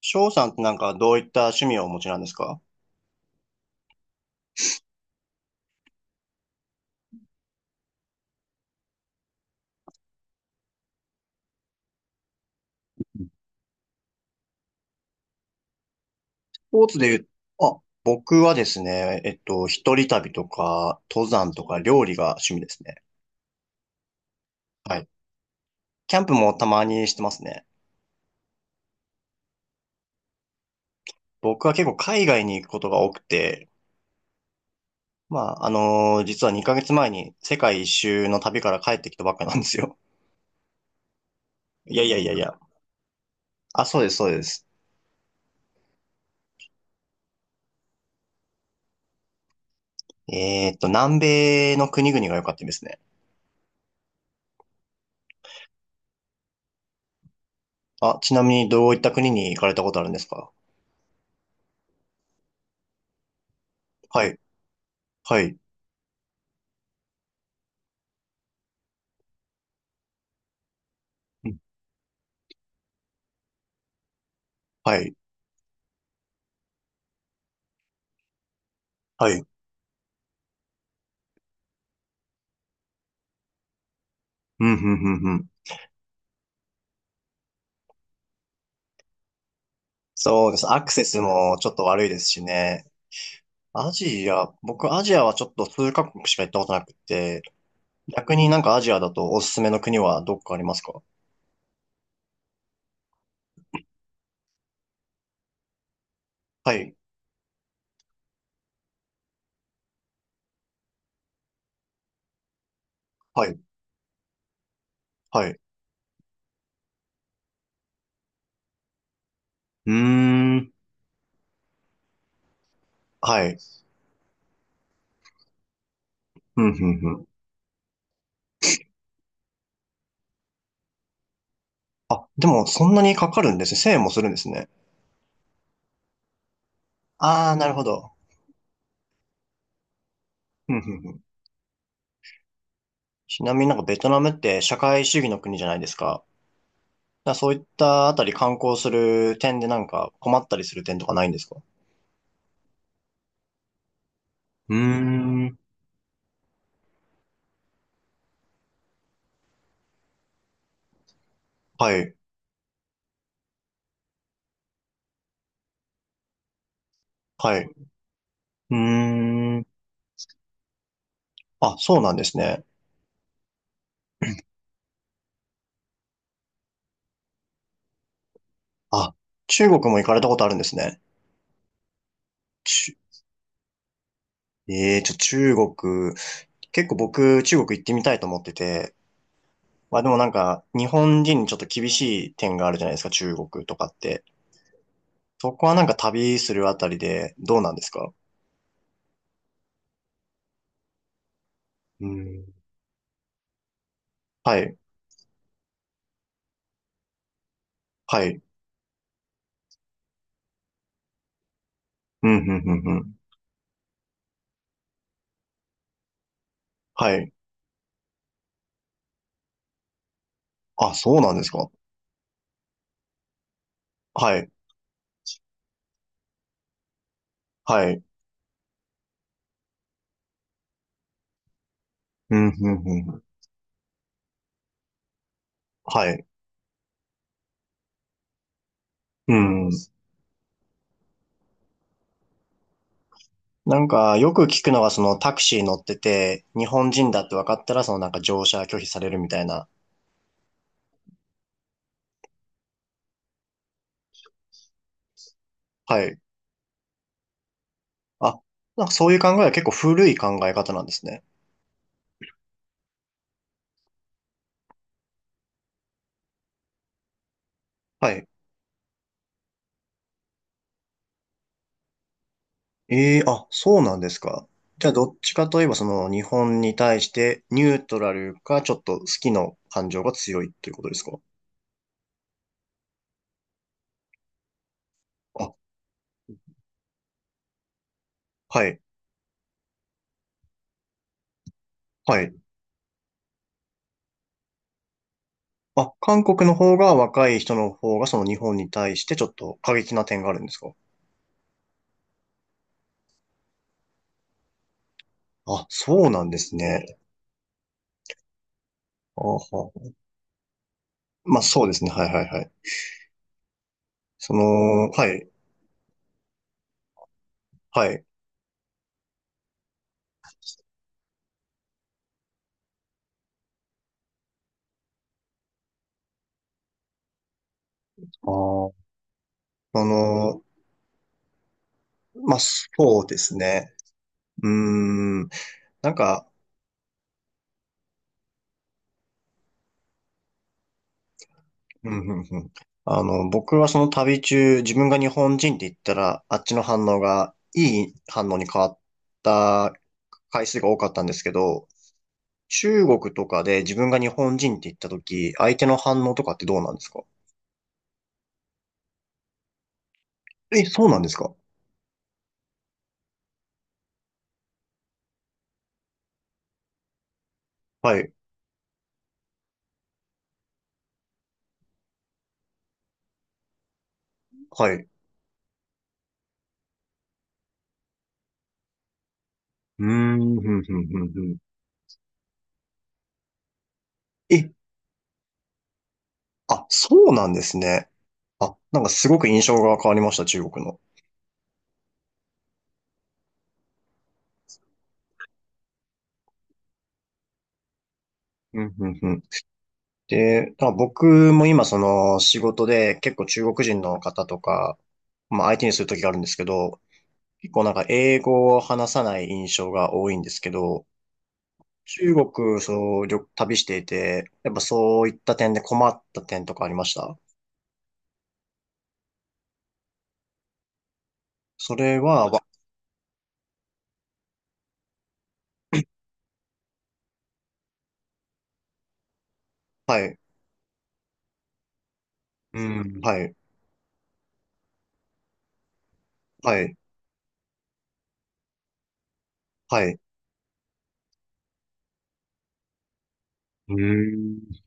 翔さんってなんかどういった趣味をお持ちなんですか？スポーツで言う、あ、僕はですね、一人旅とか、登山とか、料理が趣味ですね。はい。キャンプもたまにしてますね。僕は結構海外に行くことが多くて、まあ、実は2ヶ月前に世界一周の旅から帰ってきたばっかなんですよ。いやいやいやいや。あ、そうです、そうです。南米の国々が良かったですね。あ、ちなみにどういった国に行かれたことあるんですか？はい、はい、はい、はい。うん、うん、うん、うん。そうです。アクセスもちょっと悪いですしね。アジア、僕アジアはちょっと数カ国しか行ったことなくて、逆になんかアジアだとおすすめの国はどっかありますか？はい、はい、はい、うーん、はい。うん、うん。うん。あ、でもそんなにかかるんですね。1円もするんですね。ああ、なるほど。うん、うん、うん。ちなみになんかベトナムって社会主義の国じゃないですか。だからそういったあたり観光する点でなんか困ったりする点とかないんですか？うーん、はい、はい。うーん。あ、そうなんですね。あ、中国も行かれたことあるんですね。ちゅええー、中国、結構僕、中国行ってみたいと思ってて、まあでもなんか、日本人にちょっと厳しい点があるじゃないですか、中国とかって。そこはなんか旅するあたりで、どうなんですか？うん。はい、はい、うん、うん、うん、うん。はい。あ、そうなんですか？はい、はい、うん、うん、うん。はい、うん。なんか、よく聞くのは、そのタクシー乗ってて、日本人だって分かったら、そのなんか乗車拒否されるみたいな。はい。あ、なんかそういう考えは結構古い考え方なんですね。はい。ええ、あ、そうなんですか。じゃあ、どっちかといえば、その日本に対してニュートラルか、ちょっと好きの感情が強いっていうことですか？あ、はい。はい。あ、韓国の方が若い人の方が、その日本に対してちょっと過激な点があるんですか？あ、そうなんですね。あは、まあそうですね。はいはいはい。その、はい、はい。ああ、あの、まあ、そうですね。うーん。なんか、うん、うん、うん。あの、僕はその旅中、自分が日本人って言ったら、あっちの反応がいい反応に変わった回数が多かったんですけど、中国とかで自分が日本人って言った時、相手の反応とかってどうなんですか？え、そうなんですか？はい、はい。うーん、ふんふんふんふん。え、あ、そうなんですね。あ、なんかすごく印象が変わりました、中国の。うん、うん、うん。で、まあ僕も今その仕事で結構中国人の方とか、まあ相手にする時があるんですけど、結構なんか英語を話さない印象が多いんですけど、中国、そう、旅していて、やっぱそういった点で困った点とかありました？それは、はい、うん。はい、はい、はい。うん。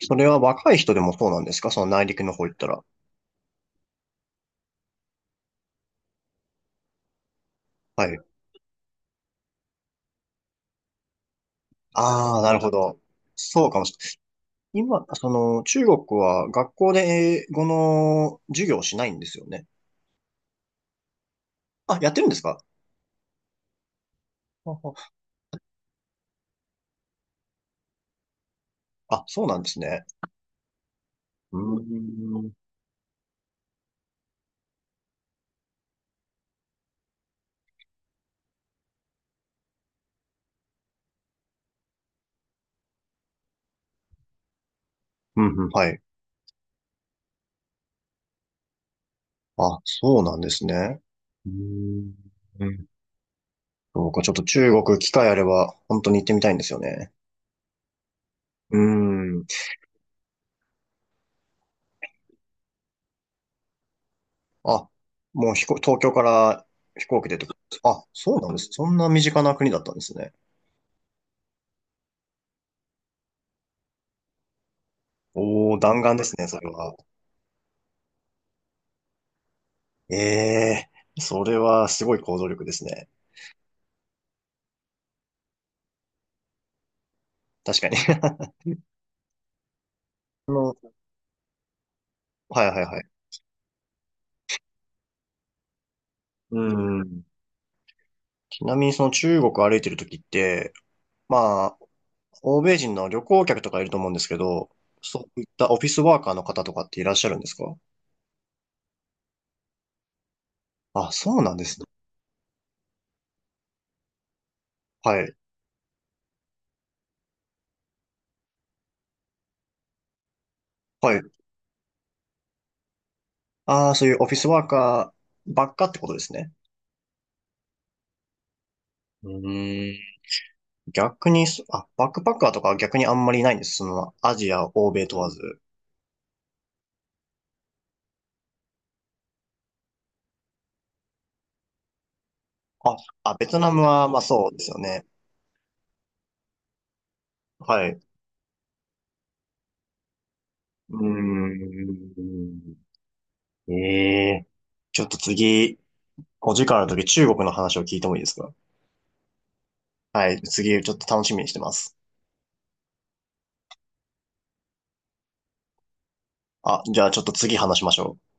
それは若い人でもそうなんですか？その内陸の方行ったら。はい。ああ、なるほど。そうかもしれない。今、その、中国は学校で英語の授業をしないんですよね。あ、やってるんですか？ははあ、そうなんですね。うーん。うん、うん、はい。あ、そうなんですね。うーん。そうか、ちょっと中国機会あれば、本当に行ってみたいんですよね。うーん。あ、もう東京から飛行機でってことか。あ、そうなんです。そんな身近な国だったんですね。おー、弾丸ですね、それは。ええ、それはすごい行動力ですね。確かに。あの、はいはいはい。うん。ちなみにその中国歩いてる時って、まあ、欧米人の旅行客とかいると思うんですけど、そういったオフィスワーカーの方とかっていらっしゃるんですか？あ、そうなんですね。はい。はい。ああ、そういうオフィスワーカーばっかってことですね。うーん。逆にあ、バックパッカーとかは逆にあんまりいないんです。その、アジア、欧米問わず。あ、あ、ベトナムは、まあそうですよね。はい。うーん。ええ、ちょっと次、お時間あるとき中国の話を聞いてもいいですか？はい、次、ちょっと楽しみにしてます。あ、じゃあちょっと次話しましょう。